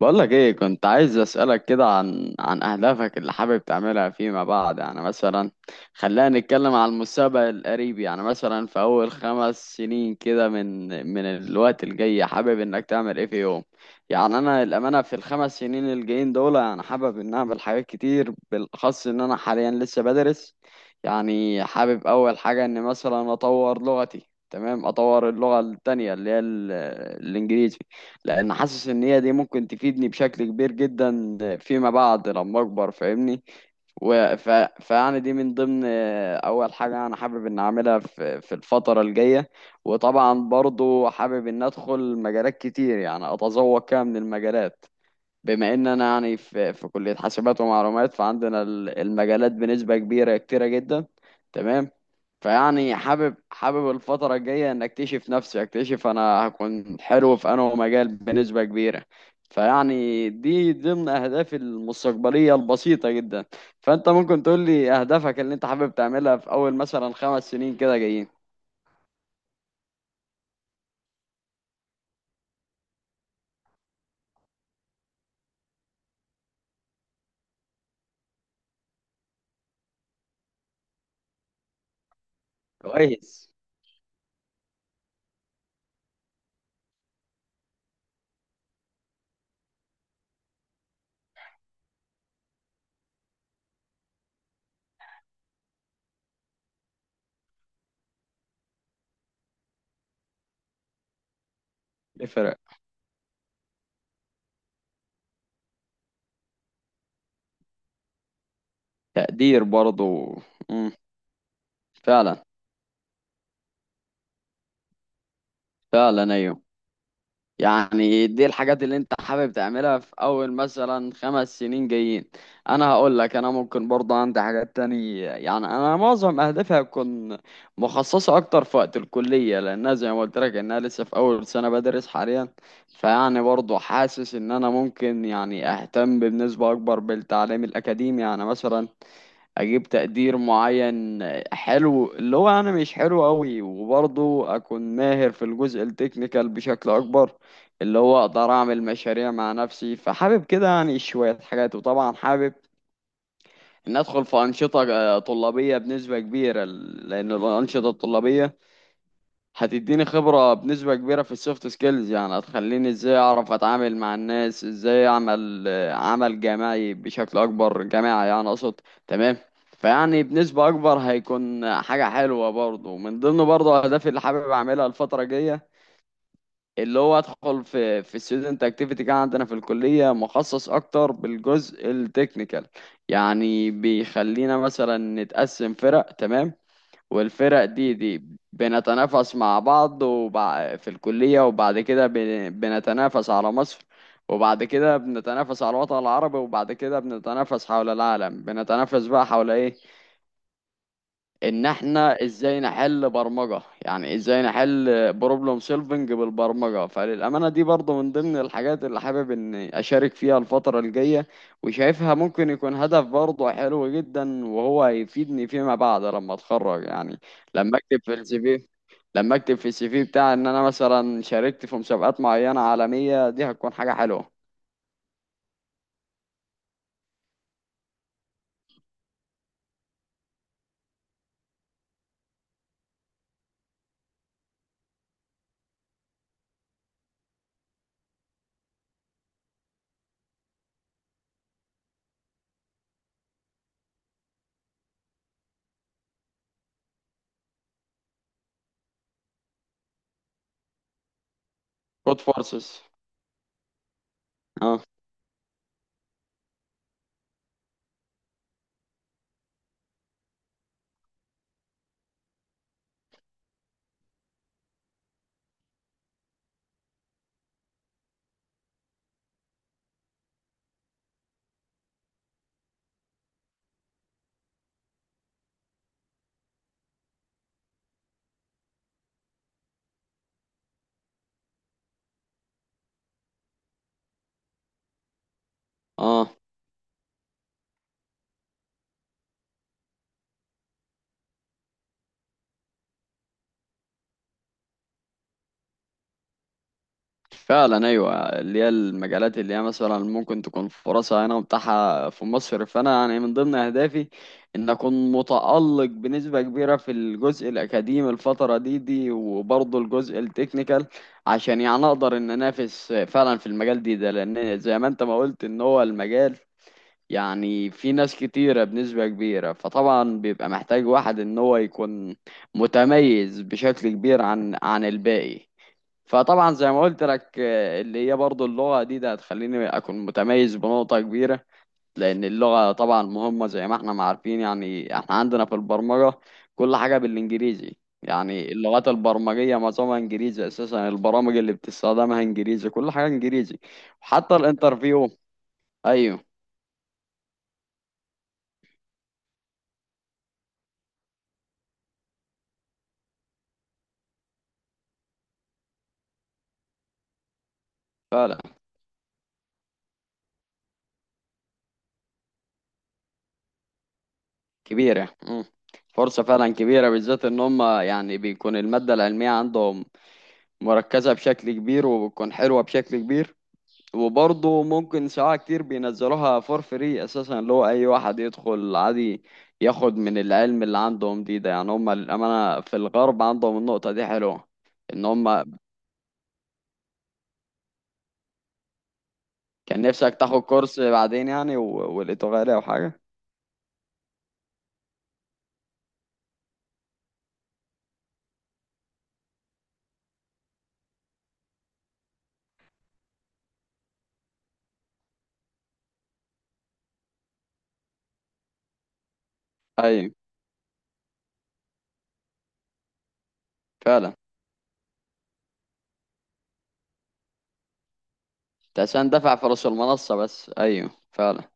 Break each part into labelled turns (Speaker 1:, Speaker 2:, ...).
Speaker 1: بقولك ايه، كنت عايز اسألك كده عن اهدافك اللي حابب تعملها فيما بعد. يعني مثلا خلينا نتكلم على المستقبل القريب. يعني مثلا في اول 5 سنين كده من الوقت الجاي، حابب انك تعمل ايه في يوم؟ يعني انا الامانة في ال5 سنين الجايين دول، انا حابب ان اعمل حاجات كتير، بالاخص ان انا حاليا لسه بدرس. يعني حابب اول حاجة ان مثلا اطور لغتي، تمام، اطور اللغة التانية اللي هي الانجليزي، لان حاسس ان هي دي ممكن تفيدني بشكل كبير جدا فيما بعد لما اكبر، فاهمني؟ و- ف... فيعني دي من ضمن اول حاجه انا حابب ان اعملها في الفتره الجايه. وطبعا برضو حابب ان ادخل مجالات كتير، يعني اتذوق كده من المجالات. بما ان انا يعني في كلية حاسبات ومعلومات، فعندنا المجالات بنسبة كبيرة، كتيرة جدا، تمام. فيعني حابب الفترة الجاية ان اكتشف نفسي، اكتشف انا هكون حلو في انه مجال بنسبة كبيرة. فيعني دي ضمن اهدافي المستقبلية البسيطة جدا. فانت ممكن تقول لي اهدافك اللي انت حابب تعملها في اول مثلا 5 سنين كده جايين؟ كويس. يفرق. تقدير برضو. مم. فعلا. فعلا، ايوه. يعني دي الحاجات اللي انت حابب تعملها في اول مثلا خمس سنين جايين. انا هقول لك انا ممكن برضه عندي حاجات تانية. يعني انا معظم اهدافي هتكون مخصصة اكتر في وقت الكلية، لانها زي ما قلت لك انها لسه في اول سنة بدرس حاليا. فيعني برضه حاسس ان انا ممكن يعني اهتم بنسبة اكبر بالتعليم الاكاديمي، يعني مثلا اجيب تقدير معين حلو، اللي هو انا مش حلو قوي، وبرضه اكون ماهر في الجزء التكنيكال بشكل اكبر، اللي هو اقدر اعمل مشاريع مع نفسي. فحابب كده يعني شوية حاجات. وطبعا حابب ان ادخل في انشطة طلابية بنسبة كبيرة، لان الانشطة الطلابية هتديني خبرة بنسبة كبيرة في السوفت سكيلز، يعني هتخليني ازاي اعرف اتعامل مع الناس، ازاي اعمل عمل جماعي بشكل اكبر، جماعي يعني اقصد، تمام. فيعني بنسبة اكبر هيكون حاجة حلوة برضه، من ضمن برضه اهدافي اللي حابب اعملها الفترة الجاية، اللي هو ادخل في student activity كان عندنا في الكلية، مخصص اكتر بالجزء التكنيكال، يعني بيخلينا مثلا نتقسم فرق، تمام. والفرق دي بنتنافس مع بعض في الكلية، وبعد كده بنتنافس على مصر، وبعد كده بنتنافس على الوطن العربي، وبعد كده بنتنافس حول العالم، بنتنافس بقى حول ايه؟ ان احنا ازاي نحل برمجة، يعني ازاي نحل بروبلم سولفنج بالبرمجة. فللأمانة دي برضو من ضمن الحاجات اللي حابب اني اشارك فيها الفترة الجاية، وشايفها ممكن يكون هدف برضو حلو جدا، وهو هيفيدني فيما بعد لما اتخرج يعني، لما اكتب في السي في لما اكتب في السي في بتاعي ان انا مثلا شاركت في مسابقات معينة عالمية، دي هتكون حاجة حلوة. كود فورسز. اه. اه، فعلا، ايوه. اللي هي المجالات اللي هي مثلا ممكن تكون فرصها هنا متاحه في مصر. فانا يعني من ضمن اهدافي ان اكون متالق بنسبه كبيره في الجزء الاكاديمي الفتره دي، وبرضه الجزء التكنيكال، عشان يعني اقدر ان انافس فعلا في المجال ده، لان زي ما انت ما قلت ان هو المجال يعني في ناس كتيره بنسبه كبيره، فطبعا بيبقى محتاج واحد ان هو يكون متميز بشكل كبير عن الباقي. فطبعا زي ما قلت لك، اللي هي برضو اللغة دي هتخليني أكون متميز بنقطة كبيرة، لأن اللغة طبعا مهمة، زي ما احنا ما عارفين. يعني احنا عندنا في البرمجة كل حاجة بالإنجليزي، يعني اللغات البرمجية معظمها إنجليزي أساسا، البرامج اللي بتستخدمها إنجليزي، كل حاجة إنجليزي، وحتى الانترفيو. أيوه. فعلا كبيرة. مم. فرصة فعلا كبيرة، بالذات إن هم يعني بيكون المادة العلمية عندهم مركزة بشكل كبير، وبتكون حلوة بشكل كبير. وبرضه ممكن ساعات كتير بينزلوها فور فري اساسا، اللي هو اي واحد يدخل عادي ياخد من العلم اللي عندهم ده. يعني هم للامانه في الغرب عندهم النقطه دي حلوه، ان هم كان نفسك تاخد كورس بعدين يعني، ولقيته غالي او حاجه. ايوه فعلا. انت عشان دافع فلوس المنصه بس، ايوه فعلا.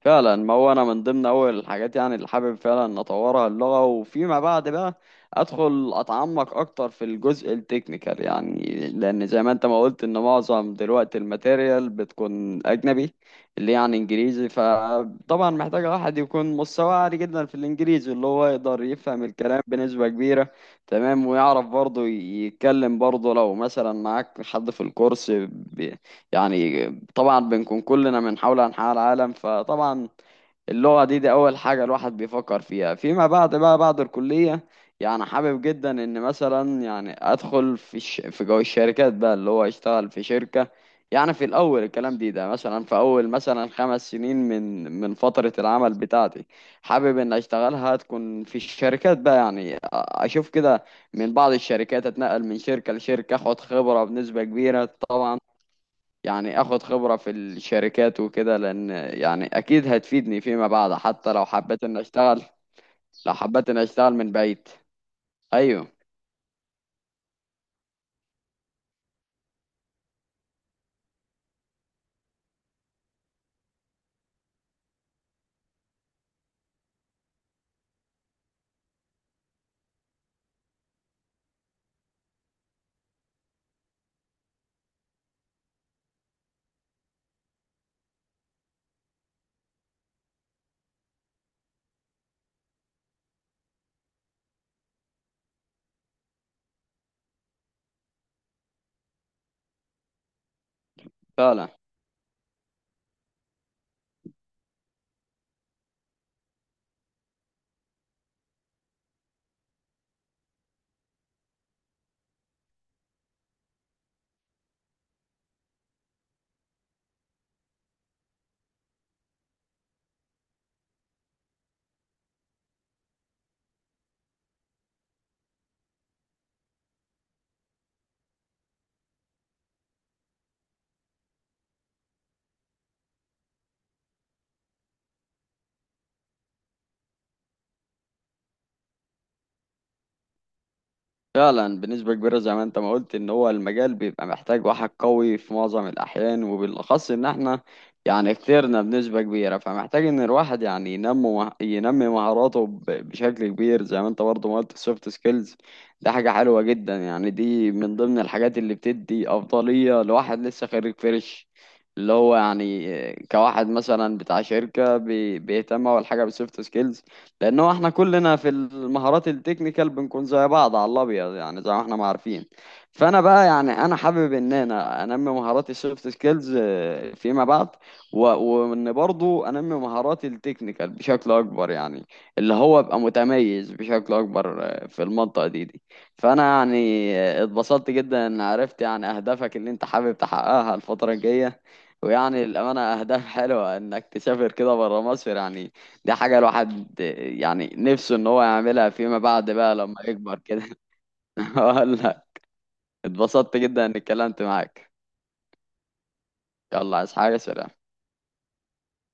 Speaker 1: فعلا، ما هو انا من ضمن اول الحاجات يعني اللي حابب فعلا ان اطورها اللغه، وفيما بعد بقى ادخل اتعمق اكتر في الجزء التكنيكال، يعني لان زي ما انت ما قلت ان معظم دلوقتي الماتيريال بتكون اجنبي، اللي يعني انجليزي. فطبعا محتاج واحد يكون مستوى عالي جدا في الانجليزي، اللي هو يقدر يفهم الكلام بنسبه كبيره، تمام. ويعرف برضه يتكلم برضه، لو مثلا معاك حد في الكورس يعني، طبعا بنكون كلنا من حول أنحاء العالم، فطبعا اللغة دي أول حاجة الواحد بيفكر فيها. فيما بعد بقى بعد الكلية يعني، حابب جدا إن مثلا يعني أدخل في في جو الشركات بقى، اللي هو أشتغل في شركة. يعني في الأول الكلام ده، مثلا في أول مثلا خمس سنين من فترة العمل بتاعتي، حابب إن أشتغلها تكون في الشركات بقى، يعني أشوف كده من بعض الشركات، أتنقل من شركة لشركة، أخد خبرة بنسبة كبيرة طبعا. يعني اخد خبرة في الشركات وكده، لان يعني اكيد هتفيدني فيما بعد حتى لو حبيت ان اشتغل، لو حبيت ان اشتغل من بعيد. ايوه. فعلا. فعلا، بنسبة كبيرة زي ما انت ما قلت ان هو المجال بيبقى محتاج واحد قوي في معظم الاحيان، وبالاخص ان احنا يعني كترنا بنسبة كبيرة. فمحتاج ان الواحد يعني ينمي مهاراته بشكل كبير، زي ما انت برضه ما قلت السوفت سكيلز، ده حاجة حلوة جدا. يعني دي من ضمن الحاجات اللي بتدي افضلية لواحد لسه خريج فريش، اللي هو يعني كواحد مثلا بتاع شركة بيهتم اول حاجة بالسوفت سكيلز، لان هو احنا كلنا في المهارات التكنيكال بنكون زي بعض على الابيض، يعني زي ما احنا ما عارفين. فانا بقى يعني انا حابب ان انا انمي مهاراتي السوفت سكيلز فيما بعد، وان برضو انمي مهاراتي التكنيكال بشكل اكبر يعني، اللي هو ابقى متميز بشكل اكبر في المنطقه دي. فانا يعني اتبسطت جدا ان عرفت يعني اهدافك اللي انت حابب تحققها الفتره الجايه. ويعني الامانه اهداف حلوه انك تسافر كده بره مصر يعني، دي حاجة الواحد يعني نفسه ان هو يعملها فيما بعد بقى لما يكبر كده. اقول لك، اتبسطت جدا اني اتكلمت معاك. يلا، عايز حاجة؟ سلام.